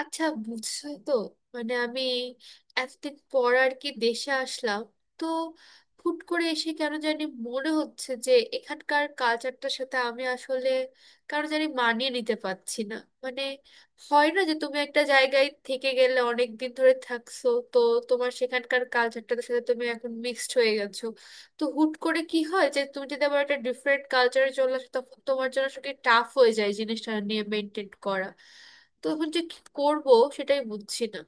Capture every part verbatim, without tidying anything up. আচ্ছা, বুঝছো তো? মানে আমি এতদিন পর আর কি দেশে আসলাম। তো হুট করে এসে কেন জানি মনে হচ্ছে যে এখানকার কালচারটার সাথে আমি আসলে কেন জানি মানিয়ে নিতে পারছি না। মানে হয় না যে তুমি একটা জায়গায় থেকে গেলে, অনেক দিন ধরে থাকছো তো, তোমার সেখানকার কালচারটার সাথে তুমি এখন মিক্সড হয়ে গেছো। তো হুট করে কি হয় যে তুমি যদি আবার একটা ডিফারেন্ট কালচারে চলে আসো, তখন তোমার জন্য আসলে টাফ হয়ে যায় জিনিসটা নিয়ে মেনটেন করা। তো এখন যে কি করব সেটাই বুঝছি না।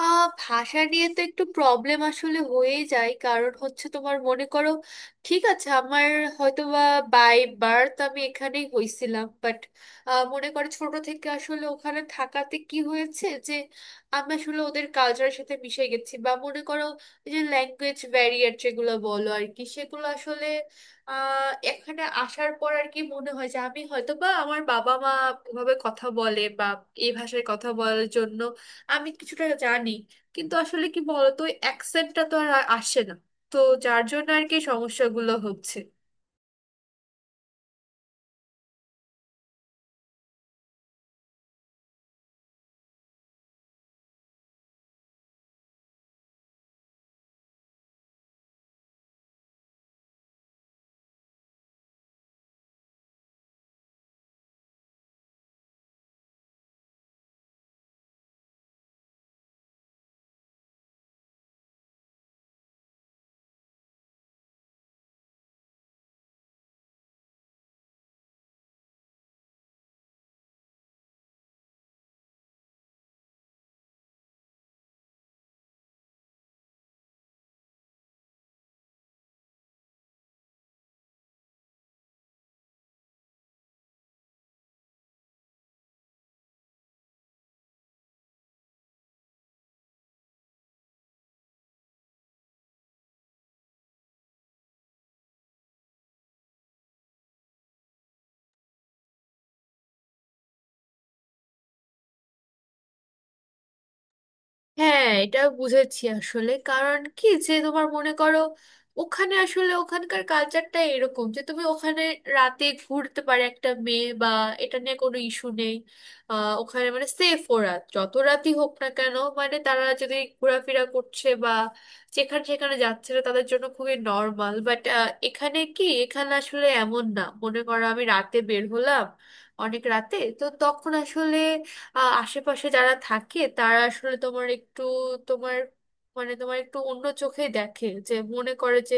আহ ভাষা নিয়ে তো একটু প্রবলেম আসলে হয়েই যায়, কারণ হচ্ছে তোমার মনে করো, ঠিক আছে আমার হয়তো বা বাই বার্থ আমি এখানেই হয়েছিলাম, বাট মনে করো ছোট থেকে আসলে ওখানে থাকাতে কি হয়েছে যে আমি আসলে ওদের কালচারের সাথে মিশে গেছি। বা মনে করো এই যে ল্যাঙ্গুয়েজ ব্যারিয়ার যেগুলো বলো আর কি, সেগুলো আসলে আহ এখানে আসার পর আর কি মনে হয় যে আমি হয়তো বা আমার বাবা মা এভাবে কথা বলে, বা এই ভাষায় কথা বলার জন্য আমি কিছুটা জানি, কিন্তু আসলে কি বলতো অ্যাকসেন্টটা তো আর আসে না। তো যার জন্য আর কি সমস্যাগুলো হচ্ছে। হ্যাঁ, এটা বুঝেছি আসলে। কারণ কি, যে তোমার মনে করো ওখানে আসলে ওখানকার কালচারটা এরকম যে তুমি ওখানে রাতে ঘুরতে পারে একটা মেয়ে, বা এটা নিয়ে কোনো ইস্যু নেই। আহ, ওখানে মানে সেফ, ওরা যত রাতই হোক না কেন, মানে তারা যদি ঘোরাফেরা করছে বা যেখানে সেখানে যাচ্ছে না, তাদের জন্য খুবই নর্মাল। বাট এখানে কি, এখানে আসলে এমন না। মনে করো আমি রাতে বের হলাম অনেক রাতে, তো তখন আসলে আহ, আশেপাশে যারা থাকে তারা আসলে তোমার একটু তোমার মানে তোমার একটু অন্য চোখে দেখে, যে মনে করে যে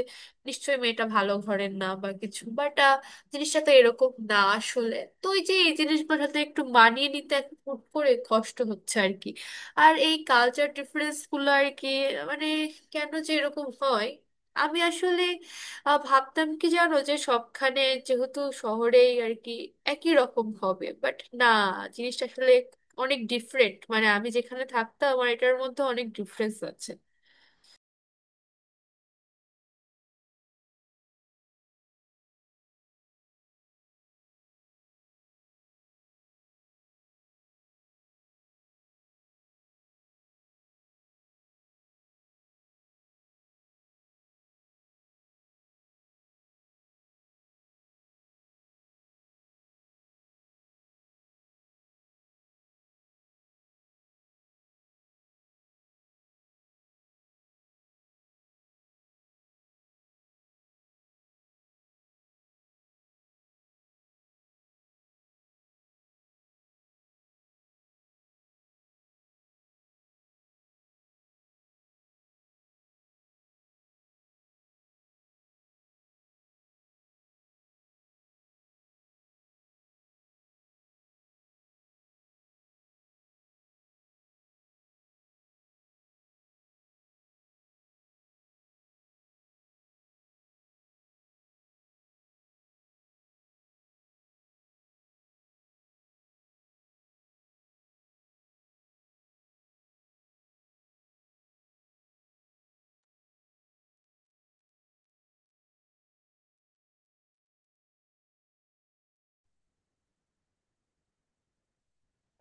নিশ্চয়ই মেয়েটা ভালো ঘরের না বা কিছু। বাট জিনিসটা তো এরকম না আসলে। তো ওই যে এই জিনিসগুলোর সাথে একটু মানিয়ে নিতে এখন হুট করে কষ্ট হচ্ছে আর কি, আর এই কালচার ডিফারেন্স গুলো আর কি। মানে কেন যে এরকম হয়। আমি আসলে আহ, ভাবতাম কি জানো যে সবখানে, যেহেতু শহরেই আর কি, একই রকম হবে। বাট না, জিনিসটা আসলে অনেক ডিফারেন্ট। মানে আমি যেখানে থাকতাম আমার এটার মধ্যে অনেক ডিফারেন্স আছে।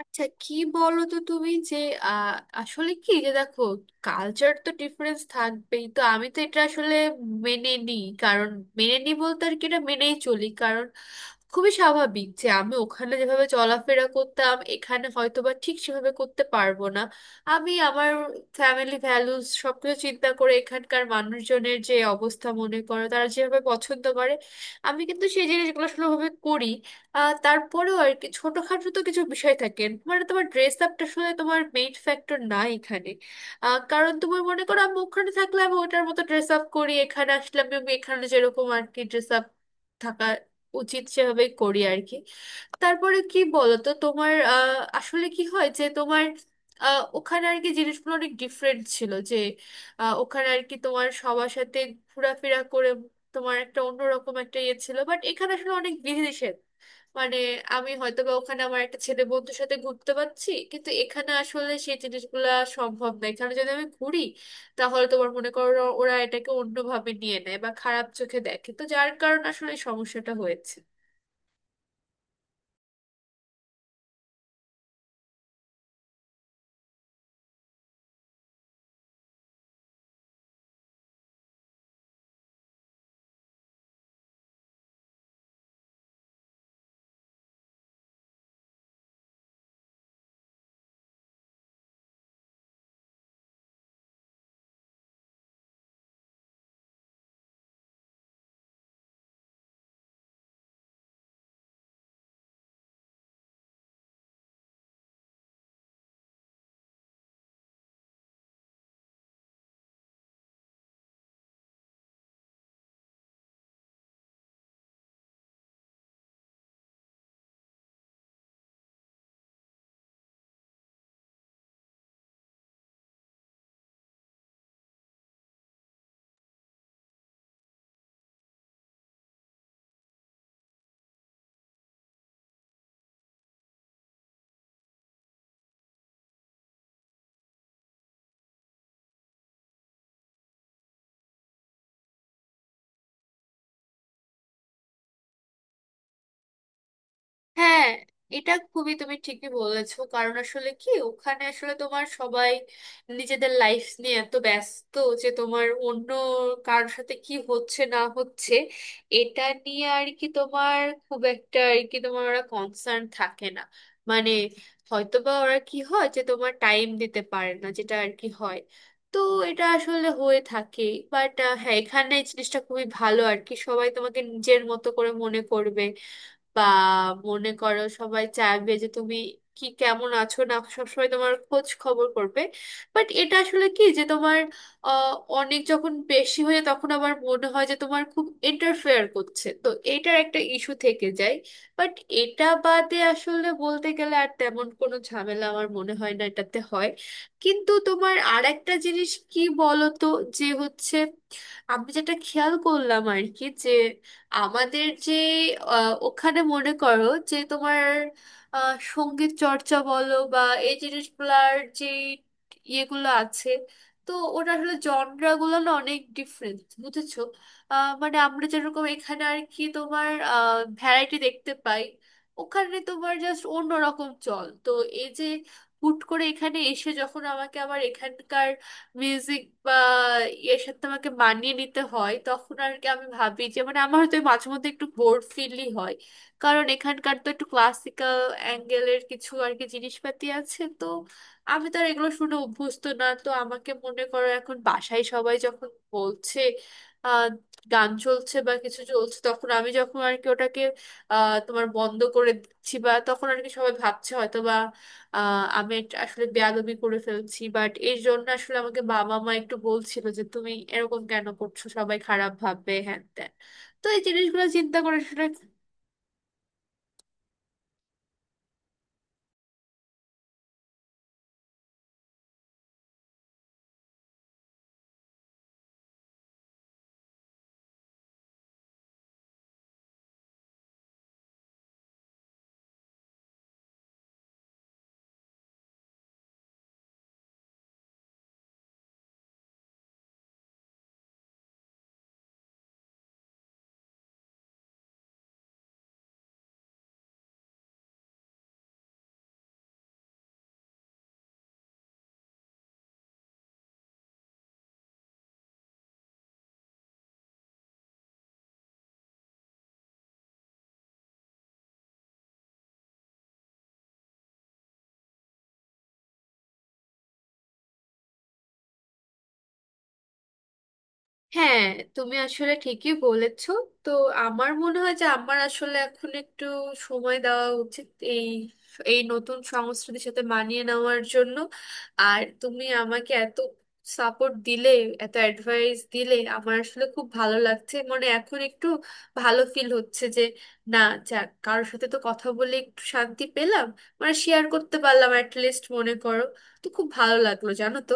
আচ্ছা কি বলো তো তুমি যে, আহ, আসলে কি যে দেখো, কালচার তো ডিফারেন্স থাকবেই, তো আমি তো এটা আসলে মেনে নিই কারণ, মেনে নিই বলতে আর কি এটা মেনেই চলি, কারণ খুবই স্বাভাবিক যে আমি ওখানে যেভাবে চলাফেরা করতাম এখানে হয়তো বা ঠিক সেভাবে করতে পারবো না। আমি আমার ফ্যামিলি ভ্যালুস সবকিছু চিন্তা করে এখানকার মানুষজনের যে অবস্থা, মনে করো তারা যেভাবে পছন্দ করে, আমি কিন্তু সেই জিনিসগুলো সেভাবে করি। আহ, তারপরেও আর কি ছোটখাটো তো কিছু বিষয় থাকে। মানে তোমার ড্রেস আপটা আসলে তোমার মেইন ফ্যাক্টর না এখানে। আহ, কারণ তুমি মনে করো আমি ওখানে থাকলে আমি ওটার মতো ড্রেস আপ করি, এখানে আসলে আমি আমি এখানে যেরকম আর কি ড্রেস আপ থাকা উচিত সেভাবে করি আর কি। তারপরে কি বলতো তোমার, আহ, আসলে কি হয় যে তোমার আহ, ওখানে আর কি জিনিসগুলো অনেক ডিফারেন্ট ছিল যে আহ, ওখানে আর কি তোমার সবার সাথে ঘোরাফেরা করে তোমার একটা অন্যরকম একটা ইয়ে ছিল। বাট এখানে আসলে অনেক বিধিনিষেধ। মানে আমি হয়তো বা ওখানে আমার একটা ছেলে বন্ধুর সাথে ঘুরতে পারছি, কিন্তু এখানে আসলে সেই জিনিসগুলা সম্ভব না। এখানে যদি আমি ঘুরি, তাহলে তোমার মনে করো ওরা এটাকে অন্যভাবে নিয়ে নেয় বা খারাপ চোখে দেখে, তো যার কারণে আসলে এই সমস্যাটা হয়েছে। হ্যাঁ, এটা খুবই, তুমি ঠিকই বলেছো। কারণ আসলে কি, ওখানে আসলে তোমার সবাই নিজেদের লাইফ নিয়ে এত ব্যস্ত যে তোমার অন্য কারোর সাথে কি হচ্ছে না হচ্ছে এটা নিয়ে আর কি তোমার খুব একটা আর কি তোমার ওরা কনসার্ন থাকে না। মানে হয়তোবা ওরা কি হয় যে তোমার টাইম দিতে পারে না, যেটা আর কি হয়। তো এটা আসলে হয়ে থাকে। বাট হ্যাঁ, এখানে এই জিনিসটা খুবই ভালো আর কি, সবাই তোমাকে নিজের মতো করে মনে করবে, বা মনে করো সবাই চাইবে যে তুমি কি কেমন আছো না, সবসময় তোমার খোঁজ খবর করবে। বাট এটা আসলে কি যে তোমার আহ, অনেক যখন বেশি হয়ে, তখন আবার মনে হয় যে তোমার খুব ইন্টারফেয়ার করছে, তো এটার একটা ইস্যু থেকে যায়। বাট এটা বাদে আসলে বলতে গেলে আর তেমন কোনো ঝামেলা আমার মনে হয় না এটাতে হয়। কিন্তু তোমার আর একটা জিনিস কি বলতো যে হচ্ছে, আমি যেটা খেয়াল করলাম আর কি, যে আমাদের যে আহ, ওখানে মনে করো যে তোমার আহ, সঙ্গীত চর্চা বলো বা এই জিনিসগুলার যে ইয়েগুলো আছে, তো ওটা আসলে জনরাগুলো না অনেক ডিফারেন্ট, বুঝেছো? আহ, মানে আমরা যেরকম এখানে আর কি তোমার ভ্যারাইটি দেখতে পাই, ওখানে তোমার জাস্ট অন্যরকম চল, তো এই যে হুট করে এখানে এসে যখন আমাকে আবার এখানকার মিউজিক বা এর সাথে আমাকে মানিয়ে নিতে হয়, তখন আর কি আমি ভাবি যে মানে আমার হয়তো মাঝে মধ্যে একটু বোর ফিলই হয়। কারণ এখানকার তো একটু ক্লাসিক্যাল অ্যাঙ্গেলের কিছু আর কি জিনিসপাতি আছে, তো আমি তো আর এগুলো শুনে অভ্যস্ত না। তো আমাকে মনে করো এখন বাসায় সবাই যখন বলছে, আহ, গান চলছে বা কিছু চলছে, তখন আমি যখন আর কি ওটাকে আহ, তোমার বন্ধ করে দিচ্ছি বা, তখন আর কি সবাই ভাবছে হয়তো আহ আমি একটা আসলে বেয়াদবি করে ফেলছি। বাট এর জন্য আসলে আমাকে বাবা মা একটু বলছিল যে তুমি এরকম কেন করছো, সবাই খারাপ ভাববে, হ্যান ত্যান। তো এই জিনিসগুলো চিন্তা করে আসলে হ্যাঁ, তুমি আসলে ঠিকই বলেছো। তো আমার মনে হয় যে আমার আসলে এখন একটু সময় দেওয়া উচিত এই, এই নতুন সংস্কৃতির সাথে মানিয়ে নেওয়ার জন্য। আর তুমি আমাকে এত সাপোর্ট দিলে, এত অ্যাডভাইস দিলে, আমার আসলে খুব ভালো লাগছে। মানে এখন একটু ভালো ফিল হচ্ছে যে, না, যাক, কারোর সাথে তো কথা বলে একটু শান্তি পেলাম। মানে শেয়ার করতে পারলাম অ্যাট লিস্ট, মনে করো। তো খুব ভালো লাগলো, জানো তো।